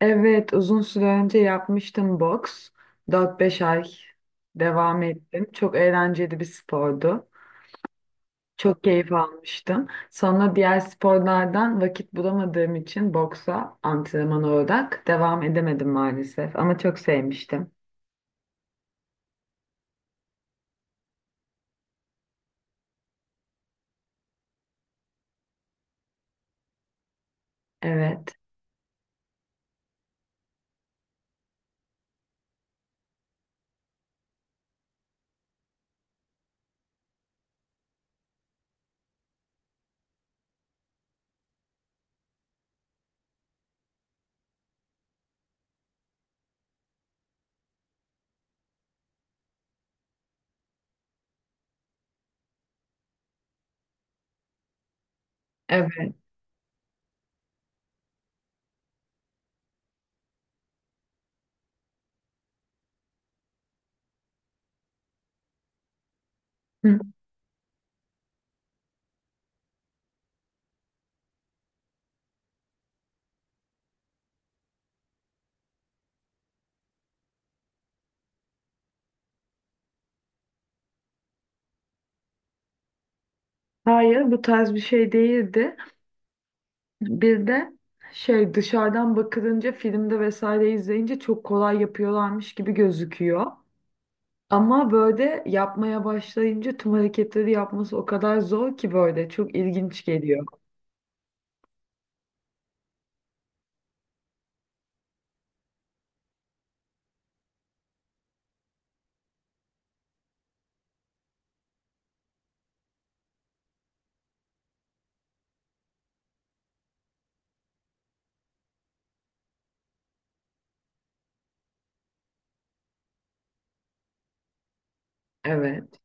Evet, uzun süre önce yapmıştım boks. 4-5 ay devam ettim. Çok eğlenceli bir spordu. Çok keyif almıştım. Sonra diğer sporlardan vakit bulamadığım için boksa antrenman olarak devam edemedim maalesef. Ama çok sevmiştim. Evet, evet. Hı. Hayır, bu tarz bir şey değildi. Bir de şey dışarıdan bakılınca filmde vesaire izleyince çok kolay yapıyorlarmış gibi gözüküyor. Ama böyle yapmaya başlayınca tüm hareketleri yapması o kadar zor ki böyle çok ilginç geliyor. Evet,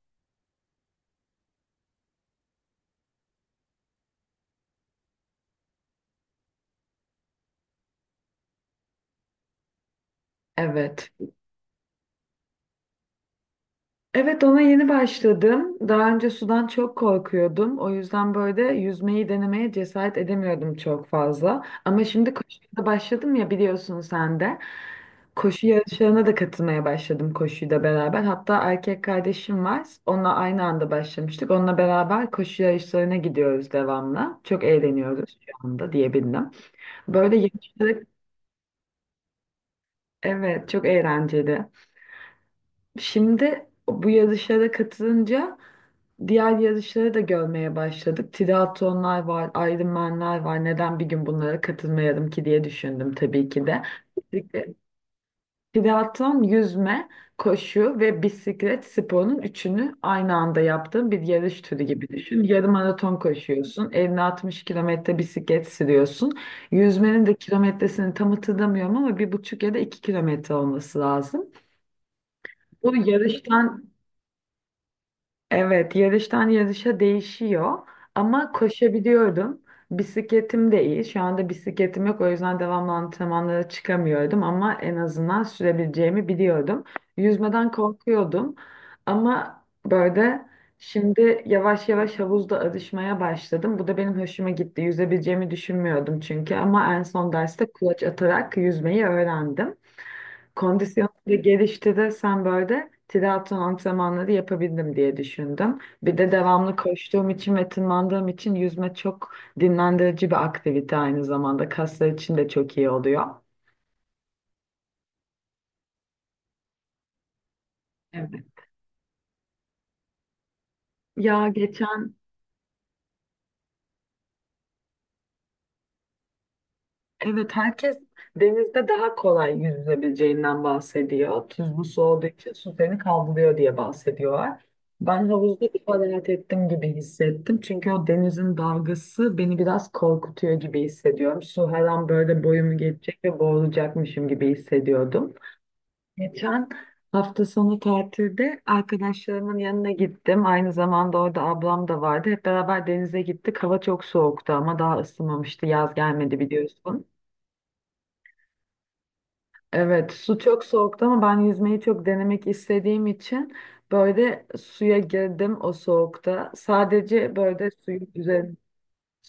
evet. Evet, ona yeni başladım. Daha önce sudan çok korkuyordum. O yüzden böyle yüzmeyi denemeye cesaret edemiyordum çok fazla. Ama şimdi koşuya da başladım ya, biliyorsun sen de. Koşu yarışlarına da katılmaya başladım koşuyla beraber. Hatta erkek kardeşim var. Onunla aynı anda başlamıştık. Onunla beraber koşu yarışlarına gidiyoruz devamlı. Çok eğleniyoruz şu anda diyebilirim. Böyle yarışları evet, çok eğlenceli. Şimdi bu yarışlara katılınca diğer yarışları da görmeye başladık. Triatlonlar var, Ironman'ler var. Neden bir gün bunlara katılmayalım ki diye düşündüm tabii ki de. Bisiklet- Triatlon, yüzme, koşu ve bisiklet sporunun üçünü aynı anda yaptığın bir yarış türü gibi düşün. Yarım maraton koşuyorsun, 50-60 kilometre bisiklet sürüyorsun. Yüzmenin de kilometresini tam hatırlamıyorum ama 1,5 ya da 2 kilometre olması lazım. Bu yarıştan Evet, yarıştan yarışa değişiyor ama koşabiliyordum. Bisikletim de iyi. Şu anda bisikletim yok, o yüzden devamlı antrenmanlara çıkamıyordum ama en azından sürebileceğimi biliyordum. Yüzmeden korkuyordum ama böyle şimdi yavaş yavaş havuzda alışmaya başladım. Bu da benim hoşuma gitti. Yüzebileceğimi düşünmüyordum çünkü, ama en son derste kulaç atarak yüzmeyi öğrendim. Kondisyon da gelişti de sen böyle triatlon antrenmanları yapabildim diye düşündüm. Bir de devamlı koştuğum için ve tırmandığım için yüzme çok dinlendirici bir aktivite aynı zamanda. Kaslar için de çok iyi oluyor. Evet. Ya geçen Evet, herkes denizde daha kolay yüzülebileceğinden bahsediyor. Tuzlu su olduğu için su seni kaldırıyor diye bahsediyorlar. Ben havuzda bir rahat ettim gibi hissettim. Çünkü o denizin dalgası beni biraz korkutuyor gibi hissediyorum. Su her an böyle boyumu geçecek ve boğulacakmışım gibi hissediyordum. Geçen hafta sonu tatilde arkadaşlarımın yanına gittim. Aynı zamanda orada ablam da vardı. Hep beraber denize gittik. Hava çok soğuktu ama daha ısınmamıştı. Yaz gelmedi biliyorsun. Evet, su çok soğuktu ama ben yüzmeyi çok denemek istediğim için böyle suya girdim o soğukta. Sadece böyle suyun üzerinde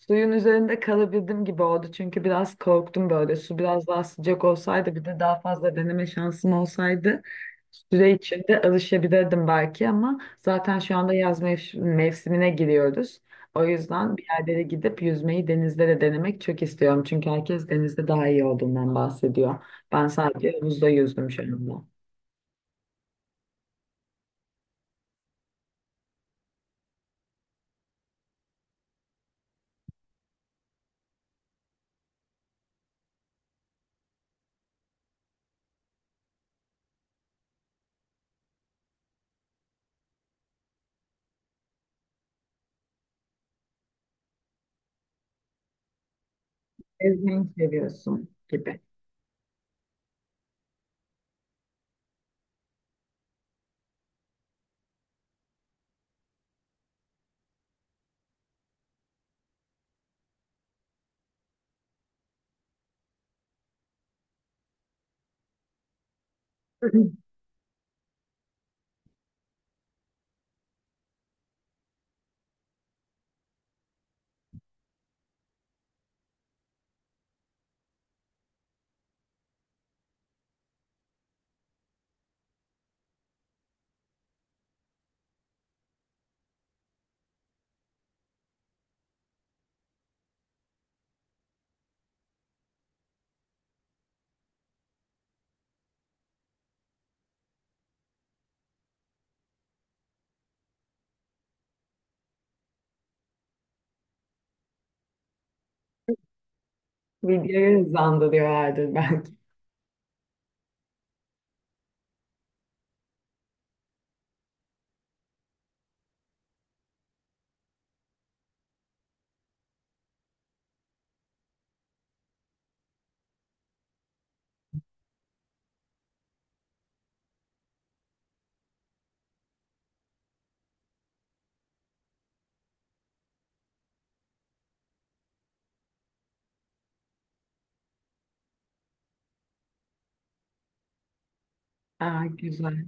Suyun üzerinde kalabildim gibi oldu çünkü biraz korktum böyle. Su biraz daha sıcak olsaydı, bir de daha fazla deneme şansım olsaydı süre içinde alışabilirdim belki, ama zaten şu anda yaz mevsimine giriyoruz. O yüzden bir yerlere gidip yüzmeyi denizde de denemek çok istiyorum. Çünkü herkes denizde daha iyi olduğundan bahsediyor. Ben sadece havuzda yüzdüm şu anda. Yüzmeyi seviyorsun gibi. Videoyu hızlandırıyor herhalde, belki. Aa, güzel.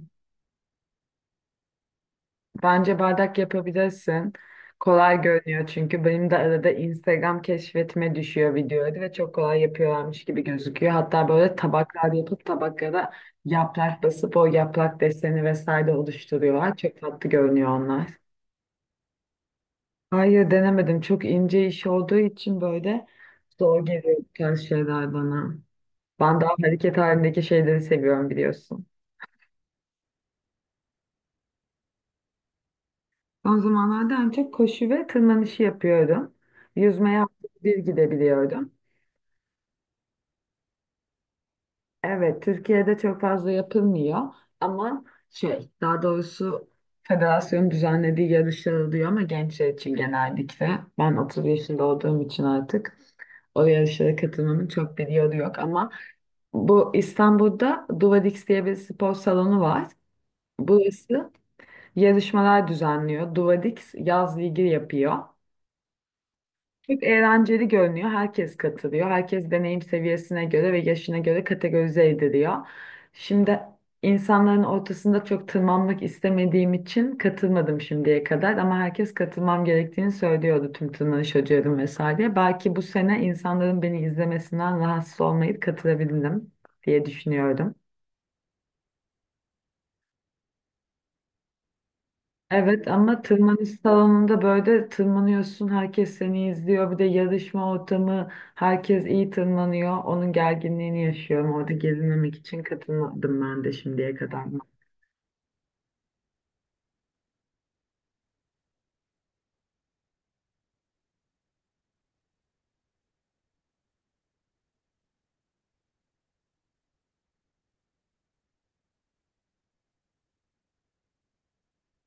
Bence bardak yapabilirsin. Kolay görünüyor çünkü benim de arada Instagram keşfetime düşüyor videoları ve çok kolay yapıyorlarmış gibi gözüküyor. Hatta böyle tabaklar yapıp tabaklara yaprak basıp o yaprak deseni vesaire oluşturuyorlar. Çok tatlı görünüyor onlar. Hayır, denemedim. Çok ince iş olduğu için böyle zor geliyor bu tarz şeyler bana. Ben daha hareket halindeki şeyleri seviyorum, biliyorsun. Son zamanlarda en çok koşu ve tırmanışı yapıyorum. Yüzmeye haftada bir gidebiliyordum. Evet, Türkiye'de çok fazla yapılmıyor ama şey, daha doğrusu federasyonun düzenlediği yarışlar oluyor ama gençler için genellikle. Ben 30 yaşında olduğum için artık o yarışlara katılmamın çok bir yolu yok, ama bu İstanbul'da Duvadix diye bir spor salonu var. Burası yarışmalar düzenliyor. Duvadix yaz ligi yapıyor. Çok eğlenceli görünüyor. Herkes katılıyor. Herkes deneyim seviyesine göre ve yaşına göre kategorize ediliyor. Şimdi insanların ortasında çok tırmanmak istemediğim için katılmadım şimdiye kadar, ama herkes katılmam gerektiğini söylüyordu, tüm tırmanış hocalarım vesaire. Belki bu sene insanların beni izlemesinden rahatsız olmayıp katılabildim diye düşünüyordum. Evet ama tırmanış salonunda böyle tırmanıyorsun, herkes seni izliyor. Bir de yarışma ortamı, herkes iyi tırmanıyor. Onun gerginliğini yaşıyorum. Orada gerilmemek için katılmadım ben de şimdiye kadar.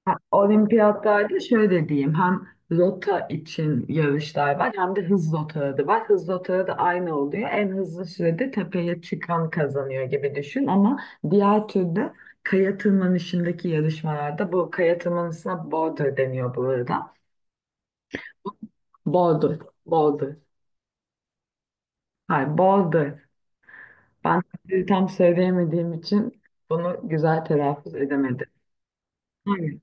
Ha, Olimpiyatlarda şöyle diyeyim, hem rota için yarışlar var hem de hız rotaları da var. Hız rotaları da aynı oluyor. En hızlı sürede tepeye çıkan kazanıyor gibi düşün, ama diğer türlü kaya tırmanışındaki yarışmalarda, bu kaya tırmanışına border deniyor burada. Boulder. Boulder. Hayır, Boulder. Ben sizi tam söyleyemediğim için bunu güzel telaffuz edemedim. Hayır.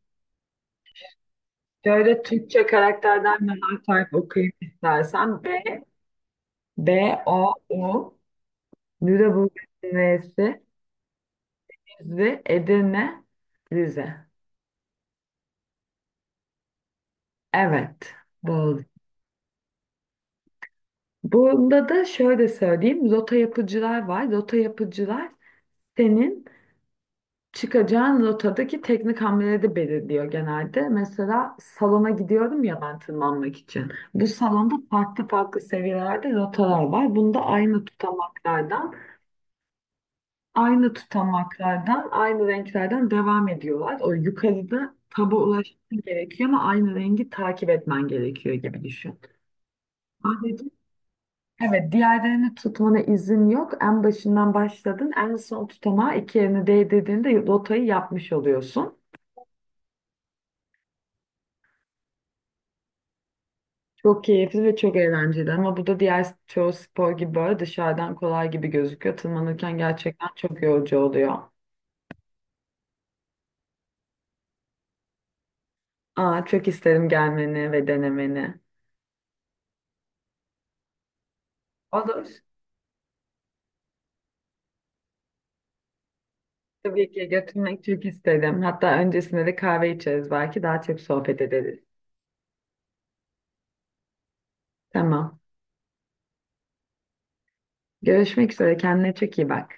Şöyle Türkçe karakterden bir harf harf okuyayım istersen. B, O, U, Lüleburgaz'ın N'si, Rize, Edirne, Rize. Evet, Boulder. Bunda da şöyle söyleyeyim. Rota yapıcılar var. Rota yapıcılar senin çıkacağın rotadaki teknik hamleleri belirliyor genelde. Mesela salona gidiyorum ya ben, tırmanmak için. Bu salonda farklı farklı seviyelerde rotalar var. Bunda aynı tutamaklardan, aynı renklerden devam ediyorlar. O yukarıda taba ulaşman gerekiyor ama aynı rengi takip etmen gerekiyor gibi düşün. Ayrıca evet, diğerlerini tutmana izin yok. En başından başladın. En son tutamağa iki yerini değdirdiğinde rotayı yapmış oluyorsun. Çok keyifli ve çok eğlenceli ama bu da diğer çoğu spor gibi böyle dışarıdan kolay gibi gözüküyor. Tırmanırken gerçekten çok yorucu oluyor. Aa, çok isterim gelmeni ve denemeni. Olur. Tabii ki götürmek çok isterim. Hatta öncesinde de kahve içeriz, belki daha çok sohbet ederiz. Tamam. Görüşmek üzere. Kendine çok iyi bak.